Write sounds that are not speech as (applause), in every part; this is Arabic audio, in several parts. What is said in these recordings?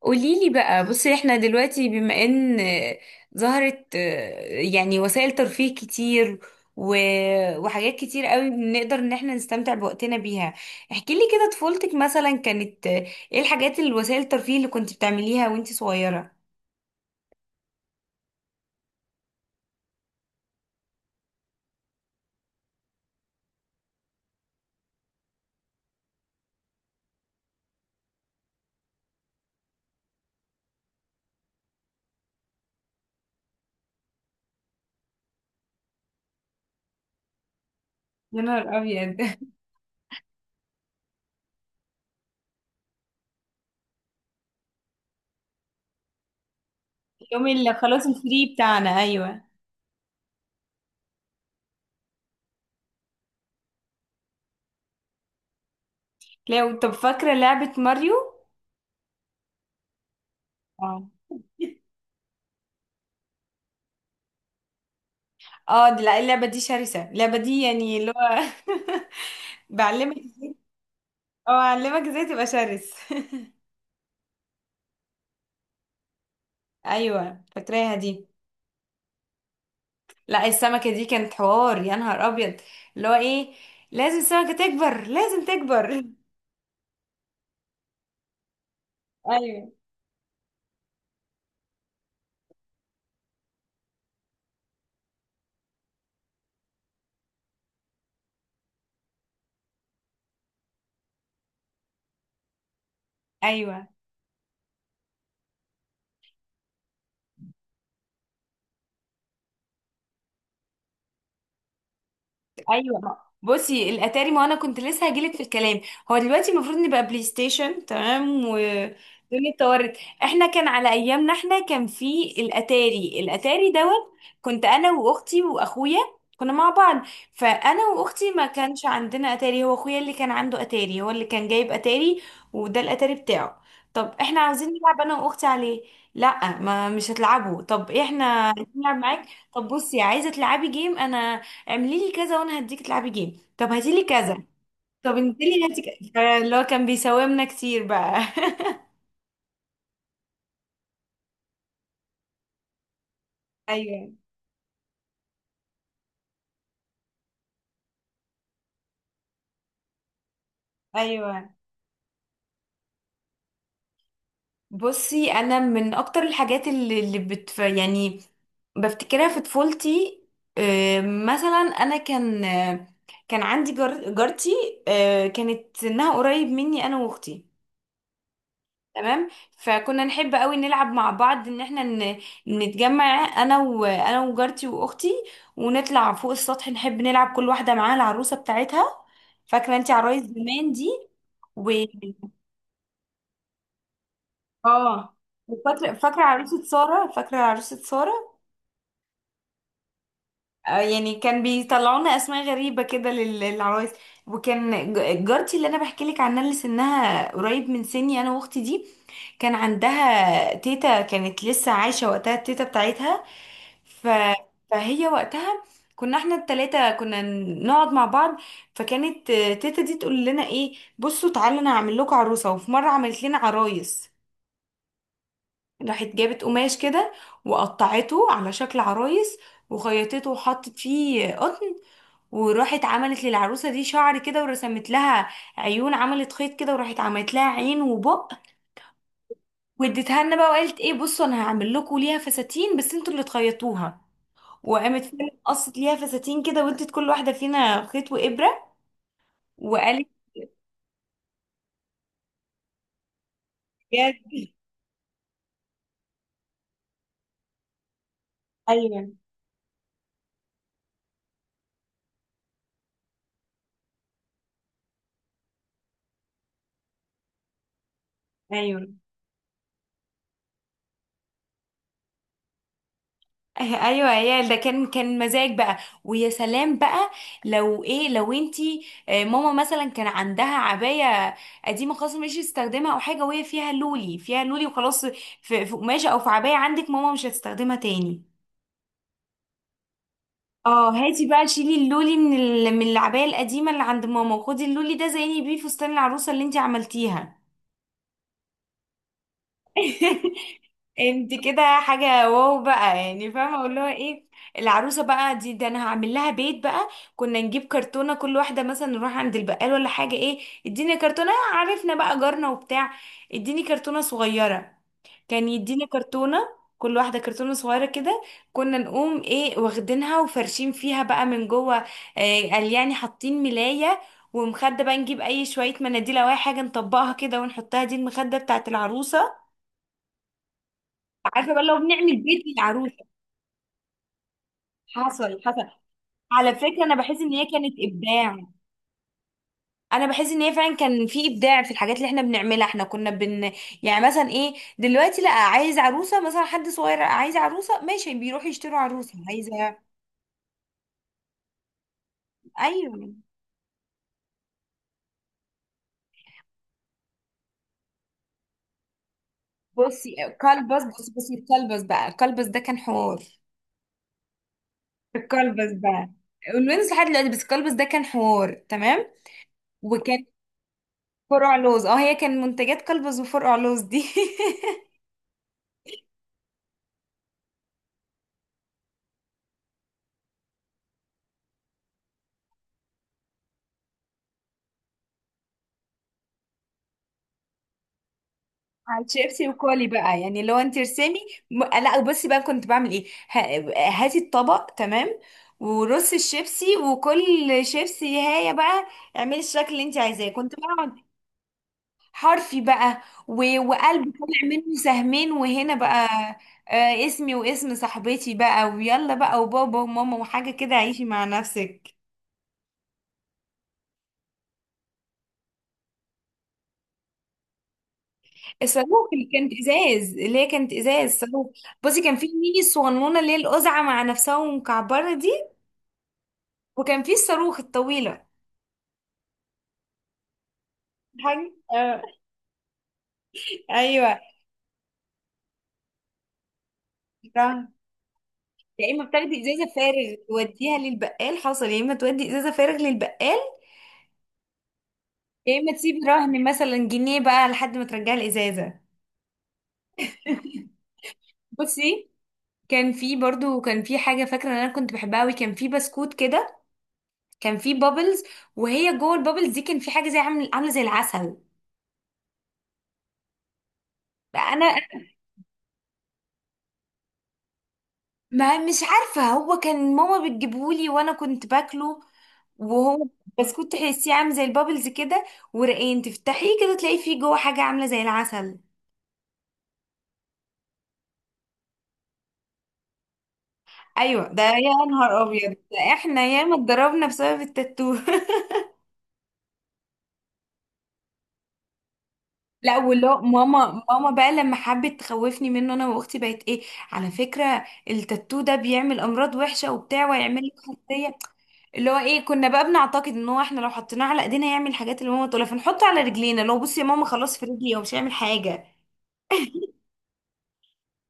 قوليلي بقى. بصي، احنا دلوقتي بما ان ظهرت يعني وسائل ترفيه كتير و... وحاجات كتير قوي بنقدر ان احنا نستمتع بوقتنا بيها. احكي لي كده طفولتك مثلا كانت ايه الحاجات الوسائل الترفيه اللي كنت بتعمليها وانت صغيرة؟ يا نهار ابيض! (laughs) اليوم اللي خلاص الفري بتاعنا، ايوه. لو طب فاكرة لعبة ماريو؟ اه. (laughs) اه لا، اللعبة دي شرسة، اللعبة دي يعني اللي هو (laughs) بعلمك او اعلمك ازاي تبقى شرس. (laughs) ايوه فاكراها دي. لا، السمكه دي كانت حوار يا نهار ابيض. اللي هو ايه؟ لازم السمكه تكبر، لازم تكبر. (laughs) ايوه ايوه ايوه. بصي، الاتاري، ما انا كنت لسه هجيلك في الكلام. هو دلوقتي المفروض نبقى بلاي ستيشن، تمام، والدنيا اتطورت. احنا كان على ايامنا، احنا كان في الاتاري، الاتاري دوت. كنت انا واختي واخويا كنا مع بعض. فانا واختي ما كانش عندنا اتاري، هو اخويا اللي كان عنده اتاري، هو اللي كان جايب اتاري، وده الاتاري بتاعه. طب احنا عاوزين نلعب انا واختي عليه. لا، ما مش هتلعبوا. طب احنا عايزين نلعب معاك. طب بصي، عايزه تلعبي جيم؟ انا اعملي لي كذا وانا هديك تلعبي جيم. طب هاتي لي كذا. طب انزلي هاتي كذا. اللي هو كان بيساومنا كتير بقى. (laughs) ايوه ايوه. بصي انا من اكتر الحاجات اللي يعني بفتكرها في طفولتي. مثلا انا كان كان عندي جارتي. كانت سنها قريب مني انا واختي، تمام. فكنا نحب قوي نلعب مع بعض ان احنا نتجمع انا وجارتي واختي، ونطلع فوق السطح، نحب نلعب كل واحده معاها العروسه بتاعتها. فاكره انت عرايس زمان دي؟ و اه. وفاكره فاكره عروسه ساره، فاكره عروسه ساره. يعني كان بيطلعونا اسماء غريبه كده للعرايس. وكان جارتي اللي انا بحكي لك عنها اللي سنها قريب من سني انا واختي دي كان عندها تيتا، كانت لسه عايشه وقتها التيتا بتاعتها. ف... فهي وقتها، كنا احنا التلاتة كنا نقعد مع بعض. فكانت تيتا دي تقول لنا ايه، بصوا تعالوا، انا هعمل لكم عروسة. وفي مرة عملت لنا عرايس. راحت جابت قماش كده وقطعته على شكل عرايس، وخيطته وحطت فيه قطن. وراحت عملت للعروسة دي شعر كده ورسمت لها عيون، عملت خيط كده وراحت عملت لها عين وبق. واديتها لنا بقى وقالت ايه، بصوا انا هعمل لكم ليها فساتين بس انتوا اللي تخيطوها. وقامت فعلا قصت ليها فساتين كده، وادت كل واحده فينا خيط وابره. وقالت بجد. ايوه ايوه ايوه، يا ده كان مزاج بقى. ويا سلام بقى. لو ايه، لو انتي ماما مثلا كان عندها عبايه قديمه خلاص مش هتستخدمها، او حاجه وهي فيها لولي، فيها لولي وخلاص، في قماشه او في عبايه عندك ماما مش هتستخدمها تاني. اه، هاتي بقى شيلي اللولي من من العبايه القديمه اللي عند ماما، وخدي اللولي ده زيني بيه فستان العروسه اللي انتي عملتيها. (laughs) انت كده حاجة واو بقى، يعني فاهمة اقول لها ايه. العروسة بقى دي ده انا هعمل لها بيت بقى. كنا نجيب كرتونة، كل واحدة مثلا نروح عند البقال ولا حاجة، ايه، اديني كرتونة. عرفنا بقى جارنا وبتاع، اديني كرتونة صغيرة. كان يدينا كرتونة، كل واحدة كرتونة صغيرة كده. كنا نقوم ايه واخدينها وفرشين فيها بقى من جوه، إيه قال يعني حاطين ملاية ومخدة بقى، نجيب اي شوية مناديل او اي حاجة نطبقها كده ونحطها، دي المخدة بتاعت العروسة. عارفه بقى لو بنعمل بيت للعروسه. حصل حصل. على فكره انا بحس ان هي كانت ابداع. انا بحس ان هي فعلا كان في ابداع في الحاجات اللي احنا بنعملها. احنا كنا بن، يعني مثلا ايه، دلوقتي لا، عايز عروسه مثلا، حد صغير عايز عروسه، ماشي، بيروح يشتروا عروسه عايزه. ايوه. بصي، كلبس، بصي الكلبس بقى، الكلبس ده كان حوار. الكلبس بقى، الوينز لحد دلوقتي، بس الكلبس ده كان حوار، تمام. وكان فرع لوز. اه هي كان منتجات كلبز وفرع لوز دي. (laughs) على الشيبسي وكولي بقى، يعني لو انت ارسمي لا بصي بقى كنت بعمل ايه، هاتي الطبق، تمام، ورصي الشيبسي، وكل شيبسي هاية بقى اعملي الشكل اللي انت عايزاه. كنت بقعد حرفي بقى و... وقلب طالع منه سهمين وهنا بقى. آه اسمي واسم صاحبتي بقى، ويلا بقى، وبابا وماما وحاجة كده عيشي مع نفسك. الصاروخ اللي كانت ازاز، اللي هي كانت ازاز صاروخ. بصي كان في ميني الصغنونه اللي هي القزعه مع نفسها ومكعبره دي. وكان في الصاروخ الطويلة. حاجة آه. أيوة. فاهمة. يا اما بتاخدي ازازة فارغ توديها للبقال، حصل، يا اما تودي ازازة فارغ للبقال، يا اما تسيبي رهن مثلا جنيه بقى لحد ما ترجعي الازازة. بصي كان في برضو، كان في حاجة فاكرة ان انا كنت بحبها قوي، كان في بسكوت كده. كان في بابلز، وهي جوه البابلز دي كان في حاجة زي عامل عاملة زي العسل. انا ما مش عارفة، هو كان ماما بتجيبهولي وانا كنت باكله. وهو بسكوت تحسيه عامل زي البابلز كده، ورقين تفتحيه كده تلاقي فيه جوه حاجة عاملة زي العسل. ايوه ده يا نهار ابيض، ده احنا ياما اتضربنا بسبب التاتو. (laughs) لا، ولا ماما بقى لما حبت تخوفني منه انا واختي، بقت ايه، على فكرة التاتو ده بيعمل امراض وحشة وبتاع ويعمل لك حساسية. اللي هو ايه، كنا بقى بنعتقد ان هو احنا لو حطيناه على ايدينا هيعمل الحاجات اللي ماما تقولها، فنحطه على رجلينا، لو بصي يا ماما خلاص في رجلي هو مش هيعمل حاجة.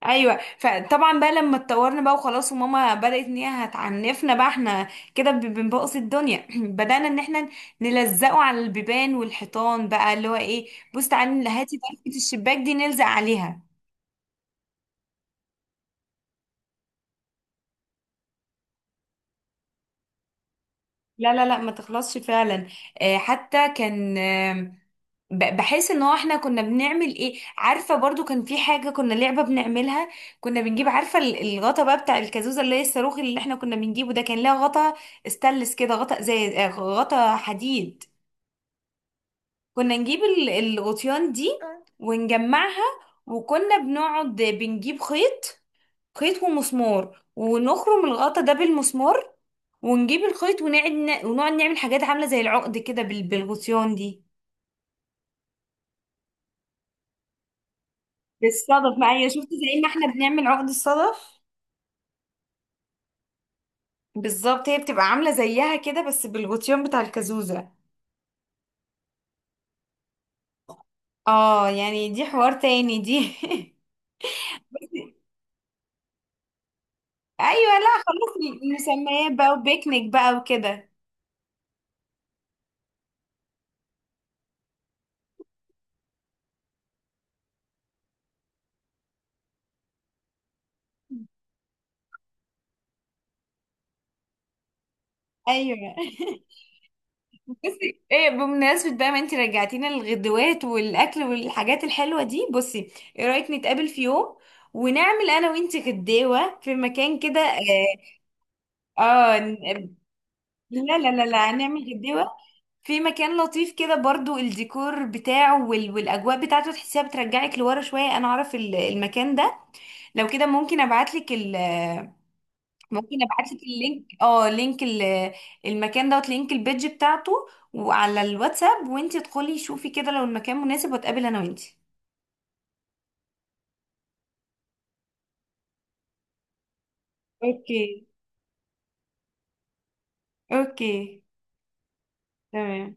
ايوه فطبعا بقى لما اتطورنا بقى وخلاص، وماما بدات ان هي هتعنفنا بقى، احنا كده بنبوظ الدنيا (clears throat) بدانا ان احنا نلزقه على البيبان والحيطان بقى، اللي هو ايه، بص تعالي هاتي ضلفه الشباك دي نلزق عليها. لا لا لا، ما تخلصش فعلا. حتى كان بحس ان هو احنا كنا بنعمل ايه، عارفه برضو كان في حاجه كنا لعبه بنعملها. كنا بنجيب، عارفه الغطا بقى بتاع الكازوزه اللي هي الصاروخ اللي احنا كنا بنجيبه ده كان لها غطا استانلس كده، غطا زي غطا حديد. كنا نجيب الغطيان دي ونجمعها. وكنا بنقعد بنجيب خيط، خيط ومسمار، ونخرم الغطا ده بالمسمار، ونجيب الخيط ونقعد ونقعد نعمل حاجات عاملة زي العقد كده بالغطيان دي. بالصدف، ما هي شفت زي ما احنا بنعمل عقد الصدف. بالظبط هي بتبقى عاملة زيها كده بس بالغطيان بتاع الكازوزة. اه يعني دي حوار تاني دي. (laughs) ايوه لا خلاص، المسميات بقى، وبيكنيك بقى وكده. ايوه. بصي ايه، بمناسبة بقى ما انت رجعتينا للغدوات والاكل والحاجات الحلوة دي، بصي ايه رأيك نتقابل في يوم ونعمل انا وانت غداوة في مكان كده، اه. آه ن- لا لا لا لا، هنعمل غداوة في مكان لطيف كده برضو، الديكور بتاعه والاجواء بتاعته تحسيها بترجعك لورا شوية. انا اعرف المكان ده، لو كده ممكن ابعتلك. ممكن ابعت لك اللينك، اه، لينك المكان دوت لينك البيدج بتاعته وعلى الواتساب، وانتي ادخلي شوفي كده لو المكان مناسب واتقابل انا وانتي. اوكي اوكي. تمام.